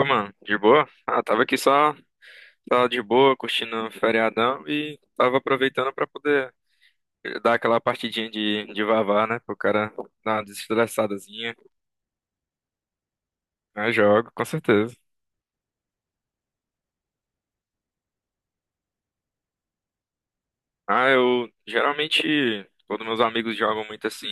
Ô, mano, de boa? Ah, tava aqui só, só de boa, curtindo o feriadão e tava aproveitando pra poder dar aquela partidinha de vavá, né? Pro cara dar uma desestressadazinha. Ah, jogo, com certeza. Ah, eu geralmente, quando meus amigos jogam muito assim,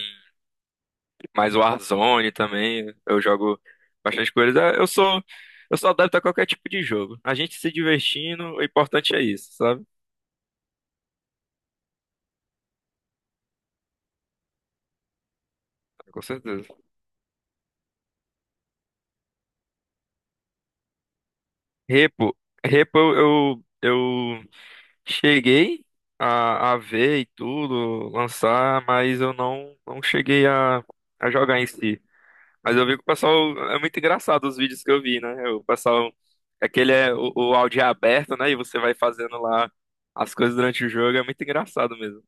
mais Warzone também, eu jogo bastante com eles. Ah, eu sou adepto a qualquer tipo de jogo. A gente se divertindo, o importante é isso, sabe? Com certeza. Repo, repo eu cheguei a ver e tudo, lançar, mas eu não cheguei a jogar em si. Mas eu vi que o pessoal. É muito engraçado os vídeos que eu vi, né? O pessoal. Aquele é o áudio é aberto, né? E você vai fazendo lá as coisas durante o jogo. É muito engraçado mesmo.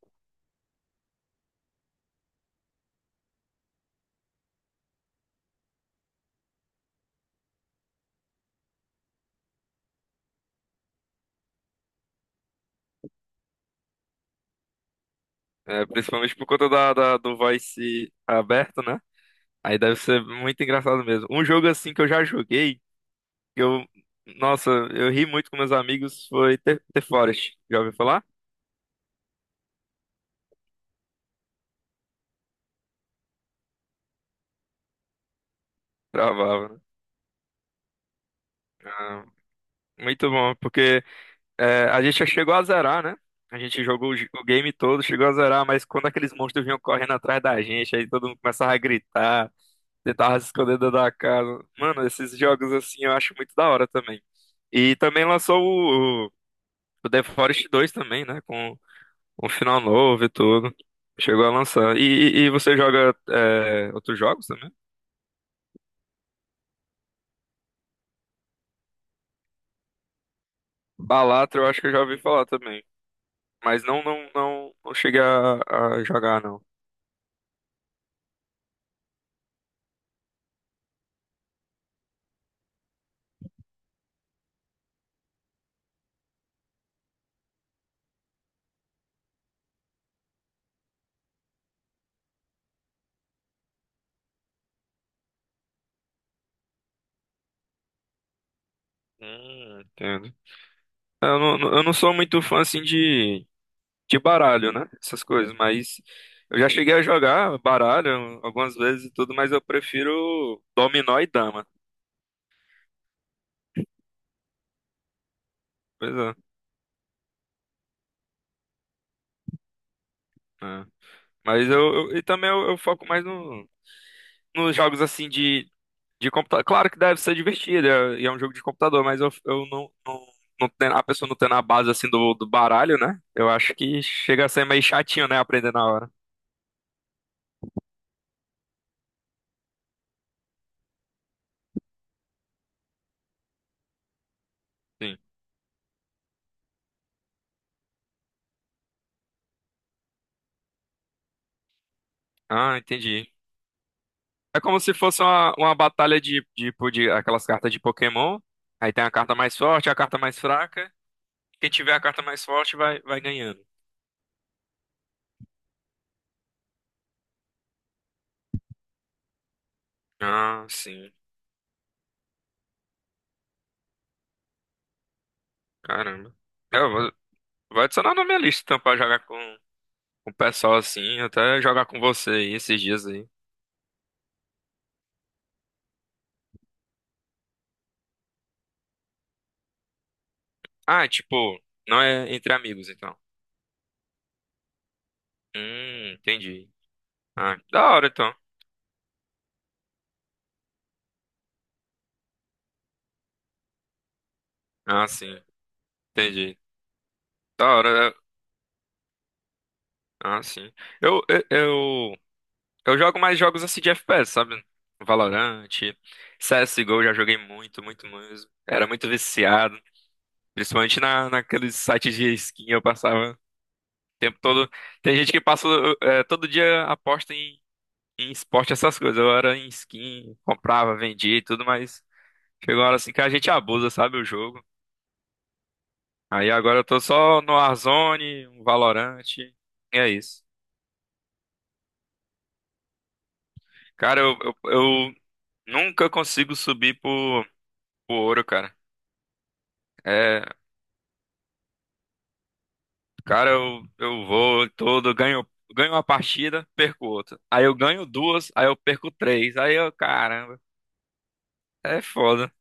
É, principalmente por conta do voice aberto, né? Aí deve ser muito engraçado mesmo. Um jogo assim que eu já joguei, que eu. Nossa, eu ri muito com meus amigos, foi The Forest. Já ouviu falar? Travava, né? Muito bom, porque é, a gente já chegou a zerar, né? A gente jogou o game todo, chegou a zerar, mas quando aqueles monstros vinham correndo atrás da gente, aí todo mundo começava a gritar, tentava se esconder dentro da casa. Mano, esses jogos assim eu acho muito da hora também. E também lançou o The Forest dois também, né? Com um final novo e tudo. Chegou a lançar. E, você joga é, outros jogos também? Balatro eu acho que eu já ouvi falar também. Mas não cheguei a jogar, não. Entendo. Eu não sou muito fã assim de baralho, né? Essas coisas, mas eu já cheguei a jogar baralho algumas vezes e tudo, mas eu prefiro dominó e dama. Pois é. É. Mas e também eu foco mais no, nos jogos assim de computador. Claro que deve ser divertido, é, e é um jogo de computador, mas eu não tem, a pessoa não tem na base assim do baralho, né? Eu acho que chega a ser meio chatinho, né? Aprender na hora. Sim. Ah, entendi. É como se fosse uma batalha de aquelas cartas de Pokémon. Aí tem a carta mais forte, a carta mais fraca. Quem tiver a carta mais forte vai ganhando. Ah, sim. Caramba. É, eu vou, vou adicionar na minha lista então, pra jogar com o pessoal assim. Até jogar com você aí esses dias aí. Ah, tipo, não é entre amigos então. Entendi. Ah, da hora então. Ah, sim. Entendi. Da hora. É. Ah, sim. Eu, eu, eu Eu jogo mais jogos assim de FPS, sabe? Valorant, CSGO, eu já joguei muito, muito mesmo. Era muito viciado. Principalmente naqueles sites de skin, eu passava o tempo todo. Tem gente que passa todo dia aposta em esporte, essas coisas. Eu era em skin, comprava, vendia e tudo, mas chegou uma hora assim que a gente abusa, sabe, o jogo. Aí agora eu tô só no Warzone, um Valorant, e é isso. Cara, eu nunca consigo subir pro ouro, cara. É, cara, eu vou todo, ganho, ganho uma partida, perco outra. Aí eu ganho duas, aí eu perco três. Aí eu, caramba, é foda.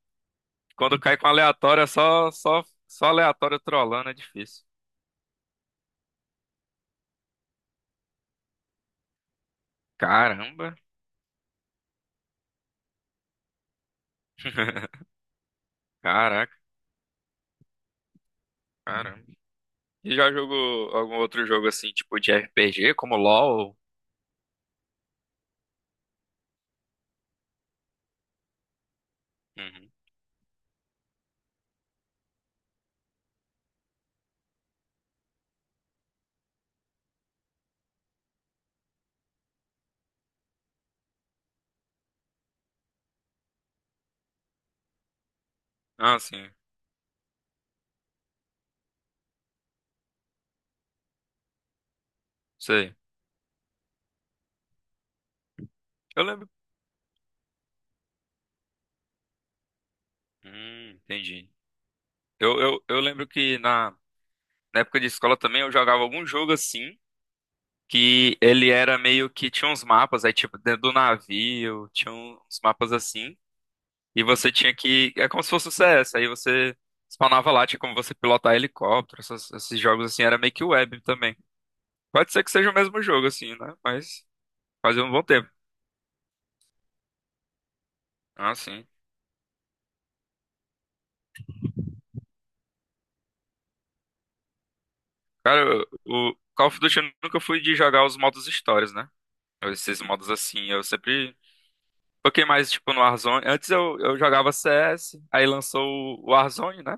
Quando cai com aleatório, é só, só aleatório trolando, é difícil. Caramba, caraca, caramba. E já jogou algum outro jogo assim, tipo de RPG, como LoL? Uhum. Ah, sim, sei. Eu lembro. Entendi. Eu lembro que na época de escola também eu jogava algum jogo assim. Que ele era meio que tinha uns mapas aí tipo dentro do navio, tinha uns mapas assim, e você tinha que é como se fosse o CS, aí você spawnava lá, tinha como você pilotar helicóptero, esses jogos assim era meio que web também. Pode ser que seja o mesmo jogo assim, né? Mas fazia um bom tempo. Ah, sim. Cara, o Call of Duty eu nunca fui de jogar os modos histórias, né? Esses modos assim, eu sempre foquei mais tipo no Warzone. Antes eu jogava CS, aí lançou o Warzone, né?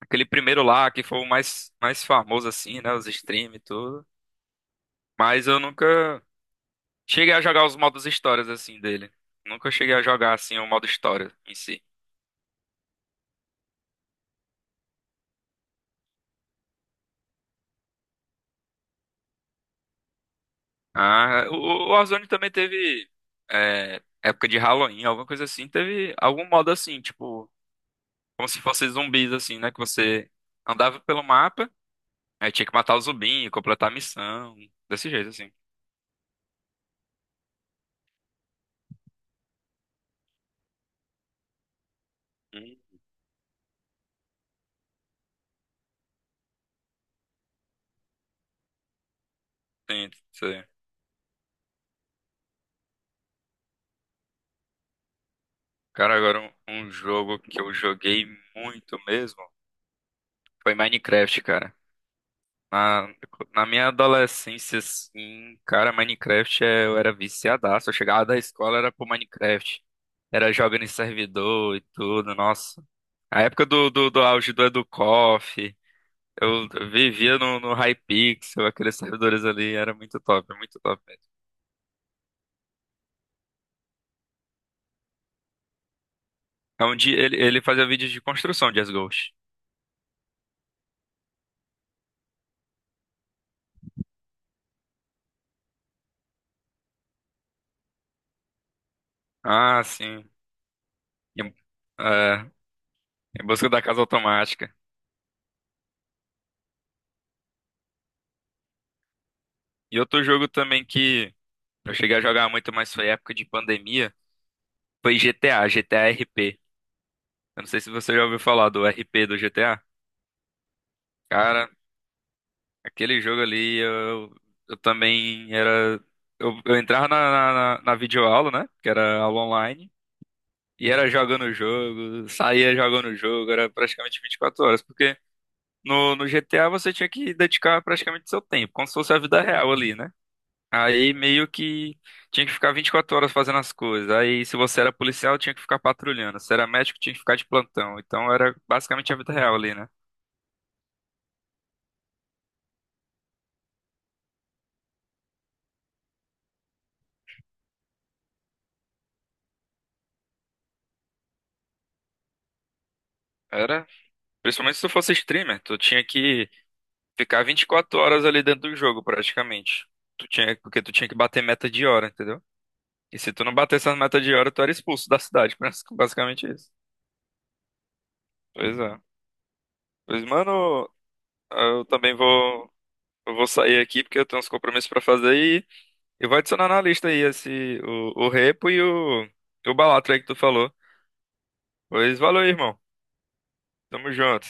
Aquele primeiro lá, que foi o mais famoso, assim, né? Os streams e tudo. Mas eu nunca cheguei a jogar os modos histórias, assim, dele. Nunca cheguei a jogar, assim, o modo história em si. Ah, o Warzone também teve época de Halloween, alguma coisa assim. Teve algum modo assim, tipo, como se fossem zumbis, assim, né? Que você andava pelo mapa, aí tinha que matar o zumbinho, completar a missão. Desse jeito, assim. Hum, Sim, sim. Cara, agora um um jogo que eu joguei muito mesmo. Foi Minecraft, cara. Na, Na minha adolescência, assim, cara, Minecraft eu era viciadaço. Eu chegava da escola, era pro Minecraft. Era jogando em servidor e tudo, nossa. A época do auge do Educoff, eu vivia no Hypixel, aqueles servidores ali, era muito top mesmo. É onde ele fazia vídeos de construção de Ghost. Ah, sim. Em, é, em busca da casa automática. E outro jogo também que. Eu cheguei a jogar muito, mas foi época de pandemia. Foi GTA, GTA RP. Eu não sei se você já ouviu falar do RP do GTA. Cara, aquele jogo ali, eu também era. Eu entrava na videoaula, né? Que era aula online. E era jogando o jogo, saía jogando o jogo, era praticamente 24 horas. Porque no GTA você tinha que dedicar praticamente seu tempo, como se fosse a vida real ali, né? Aí meio que tinha que ficar 24 horas fazendo as coisas. Aí se você era policial, tinha que ficar patrulhando. Se era médico, tinha que ficar de plantão. Então era basicamente a vida real ali, né? Era, principalmente se tu fosse streamer, tu tinha que ficar 24 horas ali dentro do jogo, praticamente. Tu tinha, porque tu tinha que bater meta de hora, entendeu? E se tu não batesse essa meta de hora, tu era expulso da cidade, basicamente isso. Pois é. Pois, mano, eu também vou, eu vou sair aqui porque eu tenho uns compromissos pra fazer. Eu vou adicionar na lista aí esse, o Repo e o Balatro aí que tu falou. Pois valeu, irmão. Tamo junto.